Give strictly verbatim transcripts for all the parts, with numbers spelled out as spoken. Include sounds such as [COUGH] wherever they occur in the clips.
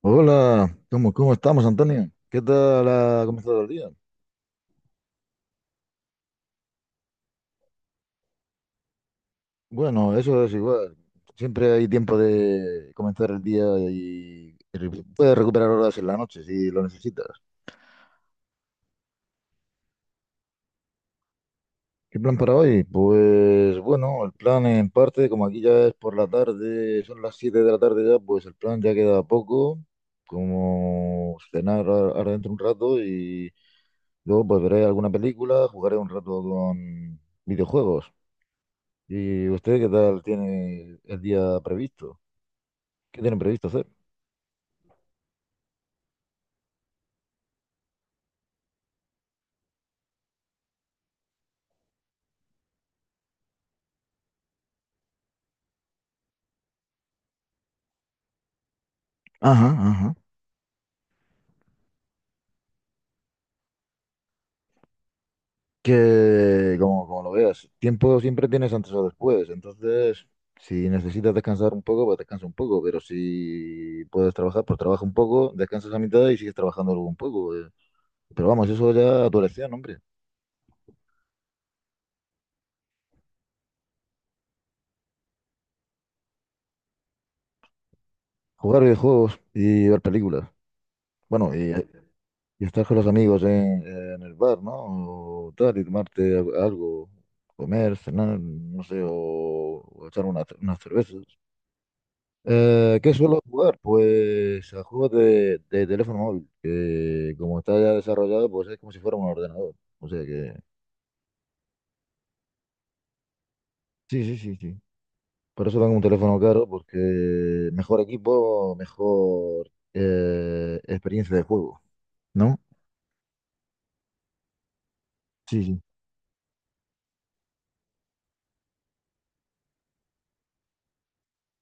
Hola, ¿cómo, cómo estamos, Antonio? ¿Qué tal ha comenzado el día? Bueno, eso es igual. Siempre hay tiempo de comenzar el día y re- puedes recuperar horas en la noche si lo necesitas. ¿Qué plan para hoy? Pues bueno, el plan en parte, como aquí ya es por la tarde, son las siete de la tarde ya, pues el plan ya queda poco, como cenar a- ahora dentro un rato y luego pues veré alguna película, jugaré un rato con videojuegos. ¿Y usted qué tal tiene el día previsto? ¿Qué tienen previsto hacer? Ajá, ajá. Que, como, como lo veas, tiempo siempre tienes antes o después. Entonces, si necesitas descansar un poco, pues descansa un poco. Pero si puedes trabajar, pues trabaja un poco, descansas a mitad y sigues trabajando luego un poco, eh. pero vamos, eso ya a tu elección, hombre. Jugar videojuegos y ver películas. Bueno, y, Y estar con los amigos en, en el bar, ¿no? O tal, y tomarte al- algo, comer, cenar, no sé, o, o echar una- unas cervezas. Eh, ¿qué suelo jugar? Pues a juegos de, de teléfono móvil, que como está ya desarrollado, pues es como si fuera un ordenador. O sea que... Sí, sí, sí, sí. Por eso tengo un teléfono caro, porque mejor equipo, mejor eh, experiencia de juego, ¿no? Sí, sí.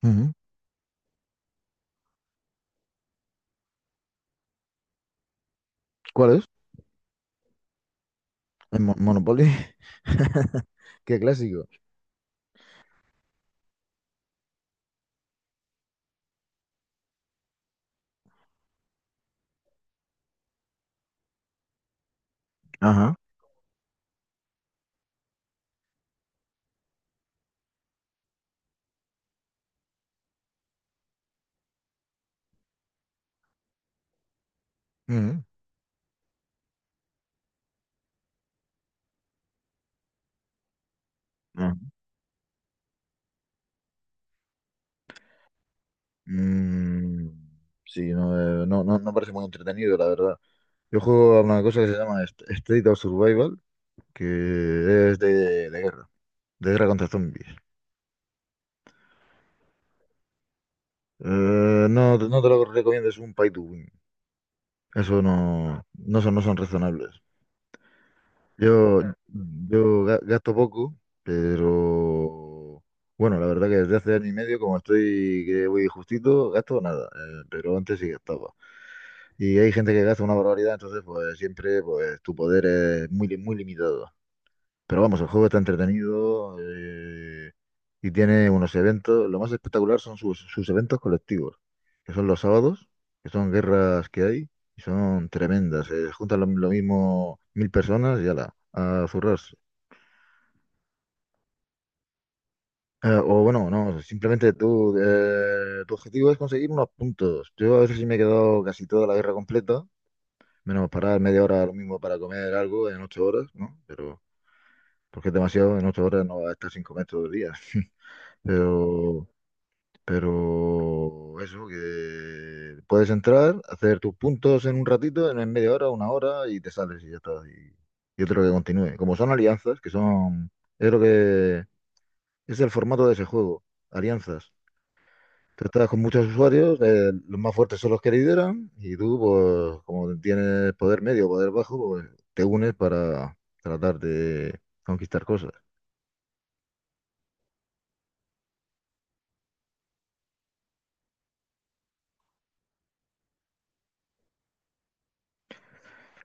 Ujú. ¿Cuál es? El Mo- Monopoly. [LAUGHS] Qué clásico. Ajá. Ujú. Ah, mm, sí, no, eh, no, no, no parece muy entretenido, la verdad. Yo juego a una cosa que se llama St- State of Survival, que es de, de guerra, de guerra contra zombies. Eh, no, no te lo recomiendo, es un pay to win. Eso no, no son, no son razonables. Yo, yo ga- gasto poco, pero bueno, la verdad que desde hace año y medio, como estoy que voy justito, gasto nada, eh, pero antes sí gastaba. Y hay gente que gasta una barbaridad, entonces pues siempre pues tu poder es muy, li- muy limitado. Pero vamos, el juego está entretenido, eh, y tiene unos eventos. Lo más espectacular son sus, sus eventos colectivos, que son los sábados, que son guerras que hay. Y son tremendas, se juntan lo, lo mismo mil personas y ala, a zurrarse. Eh, o bueno, no, simplemente tú, eh, tu objetivo es conseguir unos puntos. Yo a veces sí me he quedado casi toda la guerra completa, menos parar media hora lo mismo para comer algo en ocho horas, ¿no? Pero, porque es demasiado, en ocho horas no vas a estar sin comer todo el día. [LAUGHS] Pero, pero eso, que puedes entrar, hacer tus puntos en un ratito, en media hora, una hora, y te sales y ya está. Y, y otro que continúe. Como son alianzas, que son, es lo que es el formato de ese juego, alianzas. Tratas con muchos usuarios, eh, los más fuertes son los que lideran y tú, pues, como tienes poder medio o poder bajo, pues te unes para tratar de conquistar cosas.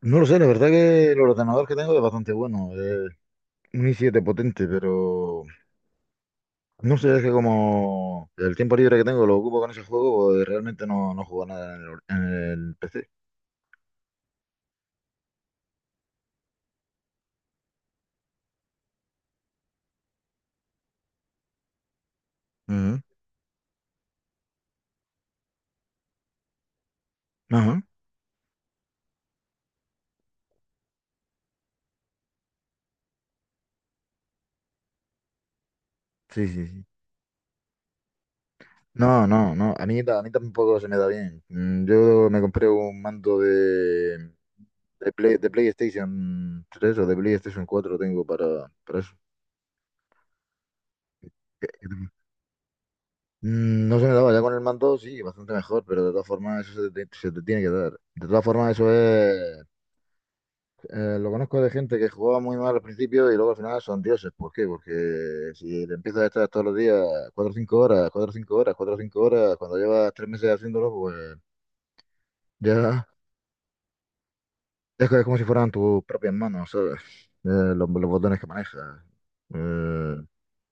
No lo sé, la verdad que el ordenador que tengo es bastante bueno, es un i siete potente, pero no sé, es que como el tiempo libre que tengo lo ocupo con ese juego, pues realmente no, no juego a nada en el, or- en el P C. Ujú. Ajá, sí, sí, sí. No, no, no, a mí, ta- a mí tampoco se me da bien. Mm, Yo me compré un mando de De, Play- de PlayStation tres o de PlayStation cuatro tengo para, para eso. Que- que tengo. Mm, No se me daba ya con el mando, sí, bastante mejor, pero de todas formas eso se te, se te tiene que dar. De todas formas eso es... eh, lo conozco de gente que jugaba muy mal al principio y luego al final son dioses. ¿Por qué? Porque si le empiezas a estar todos los días cuatro o cinco horas, cuatro o cinco horas, cuatro o cinco horas, cuando llevas tres meses haciéndolo, pues ya, ya es como si fueran tus propias manos, ¿sabes? Eh, los, los botones que manejas. Eh,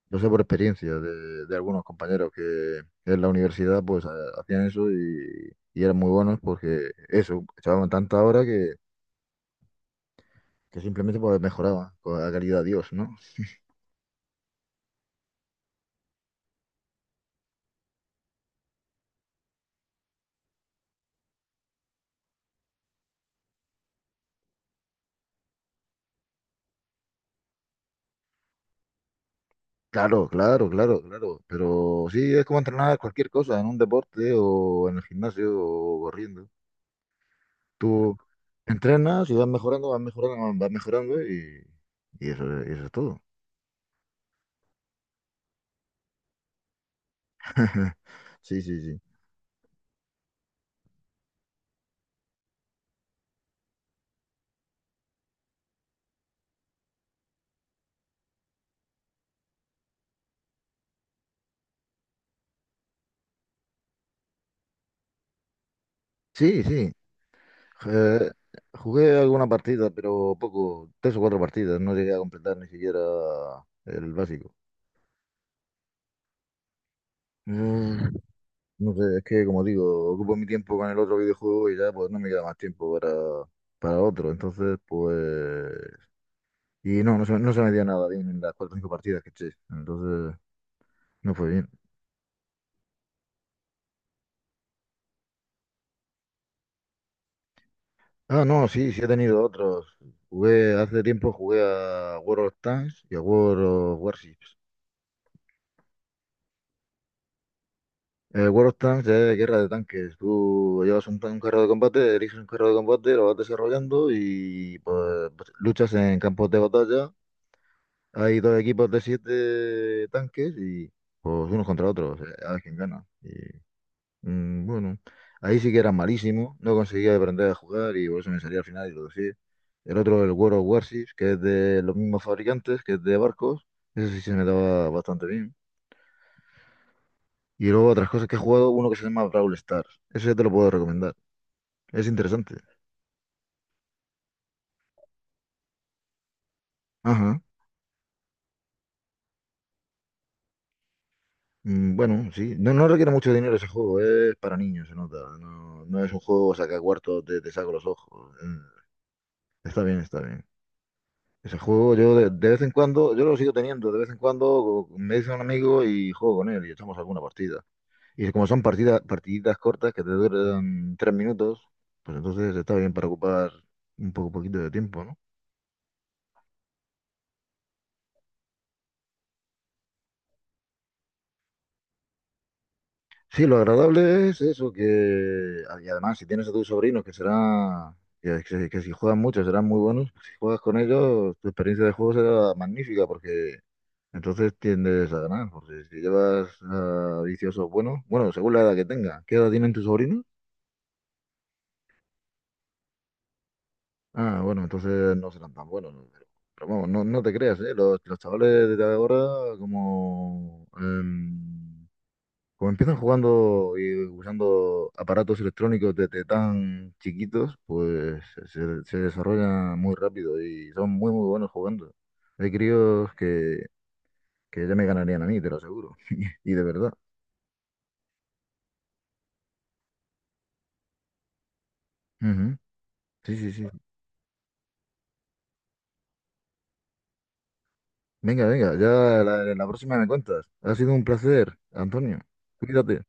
Yo sé por experiencia de, de algunos compañeros que en la universidad pues ha- hacían eso y, y eran muy buenos porque eso, echaban tanta hora que, que simplemente pues mejoraban con la calidad de Dios, ¿no? Claro, claro, claro, claro. Pero sí, es como entrenar cualquier cosa en un deporte o en el gimnasio o corriendo. Tú entrenas y vas mejorando, vas mejorando, vas mejorando y, y eso, eso es todo. [LAUGHS] Sí, sí, sí. Sí, sí, Eh, jugué alguna partida, pero poco, tres o cuatro partidas, no llegué a completar ni siquiera el básico. Mm, no sé, es que como digo, ocupo mi tiempo con el otro videojuego y ya pues no me queda más tiempo para, para otro, entonces pues... Y no, no se, no se me dio nada bien en las cuatro o cinco partidas que eché, entonces no fue bien. Ah, no, sí, sí he tenido otros. Jugué, hace tiempo jugué a World of Tanks y a World of Warships. Eh, War of Tanks es guerra de tanques. Tú llevas un, un carro de combate, eliges un carro de combate, lo vas desarrollando y pues, pues, luchas en campos de batalla. Hay dos equipos de siete tanques y pues unos contra otros, eh, a ver quién gana. Y mm, bueno, ahí sí que era malísimo, no conseguía aprender a jugar y por eso me salía al final y lo dejé. El otro, el World of Warships, que es de los mismos fabricantes, que es de barcos. Ese sí se me daba bastante bien. Y luego otras cosas que he jugado, uno que se llama Brawl Stars. Ese te lo puedo recomendar. Es interesante. Ajá. Mm, Bueno, sí. No, no requiere mucho dinero ese juego, es para niños, se nota. No, no es un juego saca cuartos te, te saco los ojos. Eh, Está bien, está bien. Ese juego yo de, de vez en cuando, yo lo sigo teniendo, de vez en cuando me dice un amigo y juego con él y echamos alguna partida. Y como son partidas, partiditas cortas que te duran tres minutos, pues entonces está bien para ocupar un poco poquito de tiempo, ¿no? Sí, lo agradable es eso, que ah, y además si tienes a tus sobrinos que será que, que- que si juegan mucho serán muy buenos, si juegas con ellos, tu experiencia de juego será magnífica porque entonces tiendes a ganar, porque si llevas a viciosos buenos, bueno, según la edad que tenga, ¿qué edad tienen tus sobrinos? Ah, bueno, entonces no serán tan buenos, ¿no? pero, pero vamos, no, no te creas, ¿eh? Los, los chavales de ahora como em, como empiezan jugando y usando aparatos electrónicos desde tan chiquitos, pues se, se desarrollan muy rápido y son muy, muy buenos jugando. Hay críos que, que ya me ganarían a mí, te lo aseguro. [LAUGHS] Y de verdad. Ujú. Sí, sí, sí. Venga, venga, ya la, la próxima me cuentas. Ha sido un placer, Antonio. Cuídate.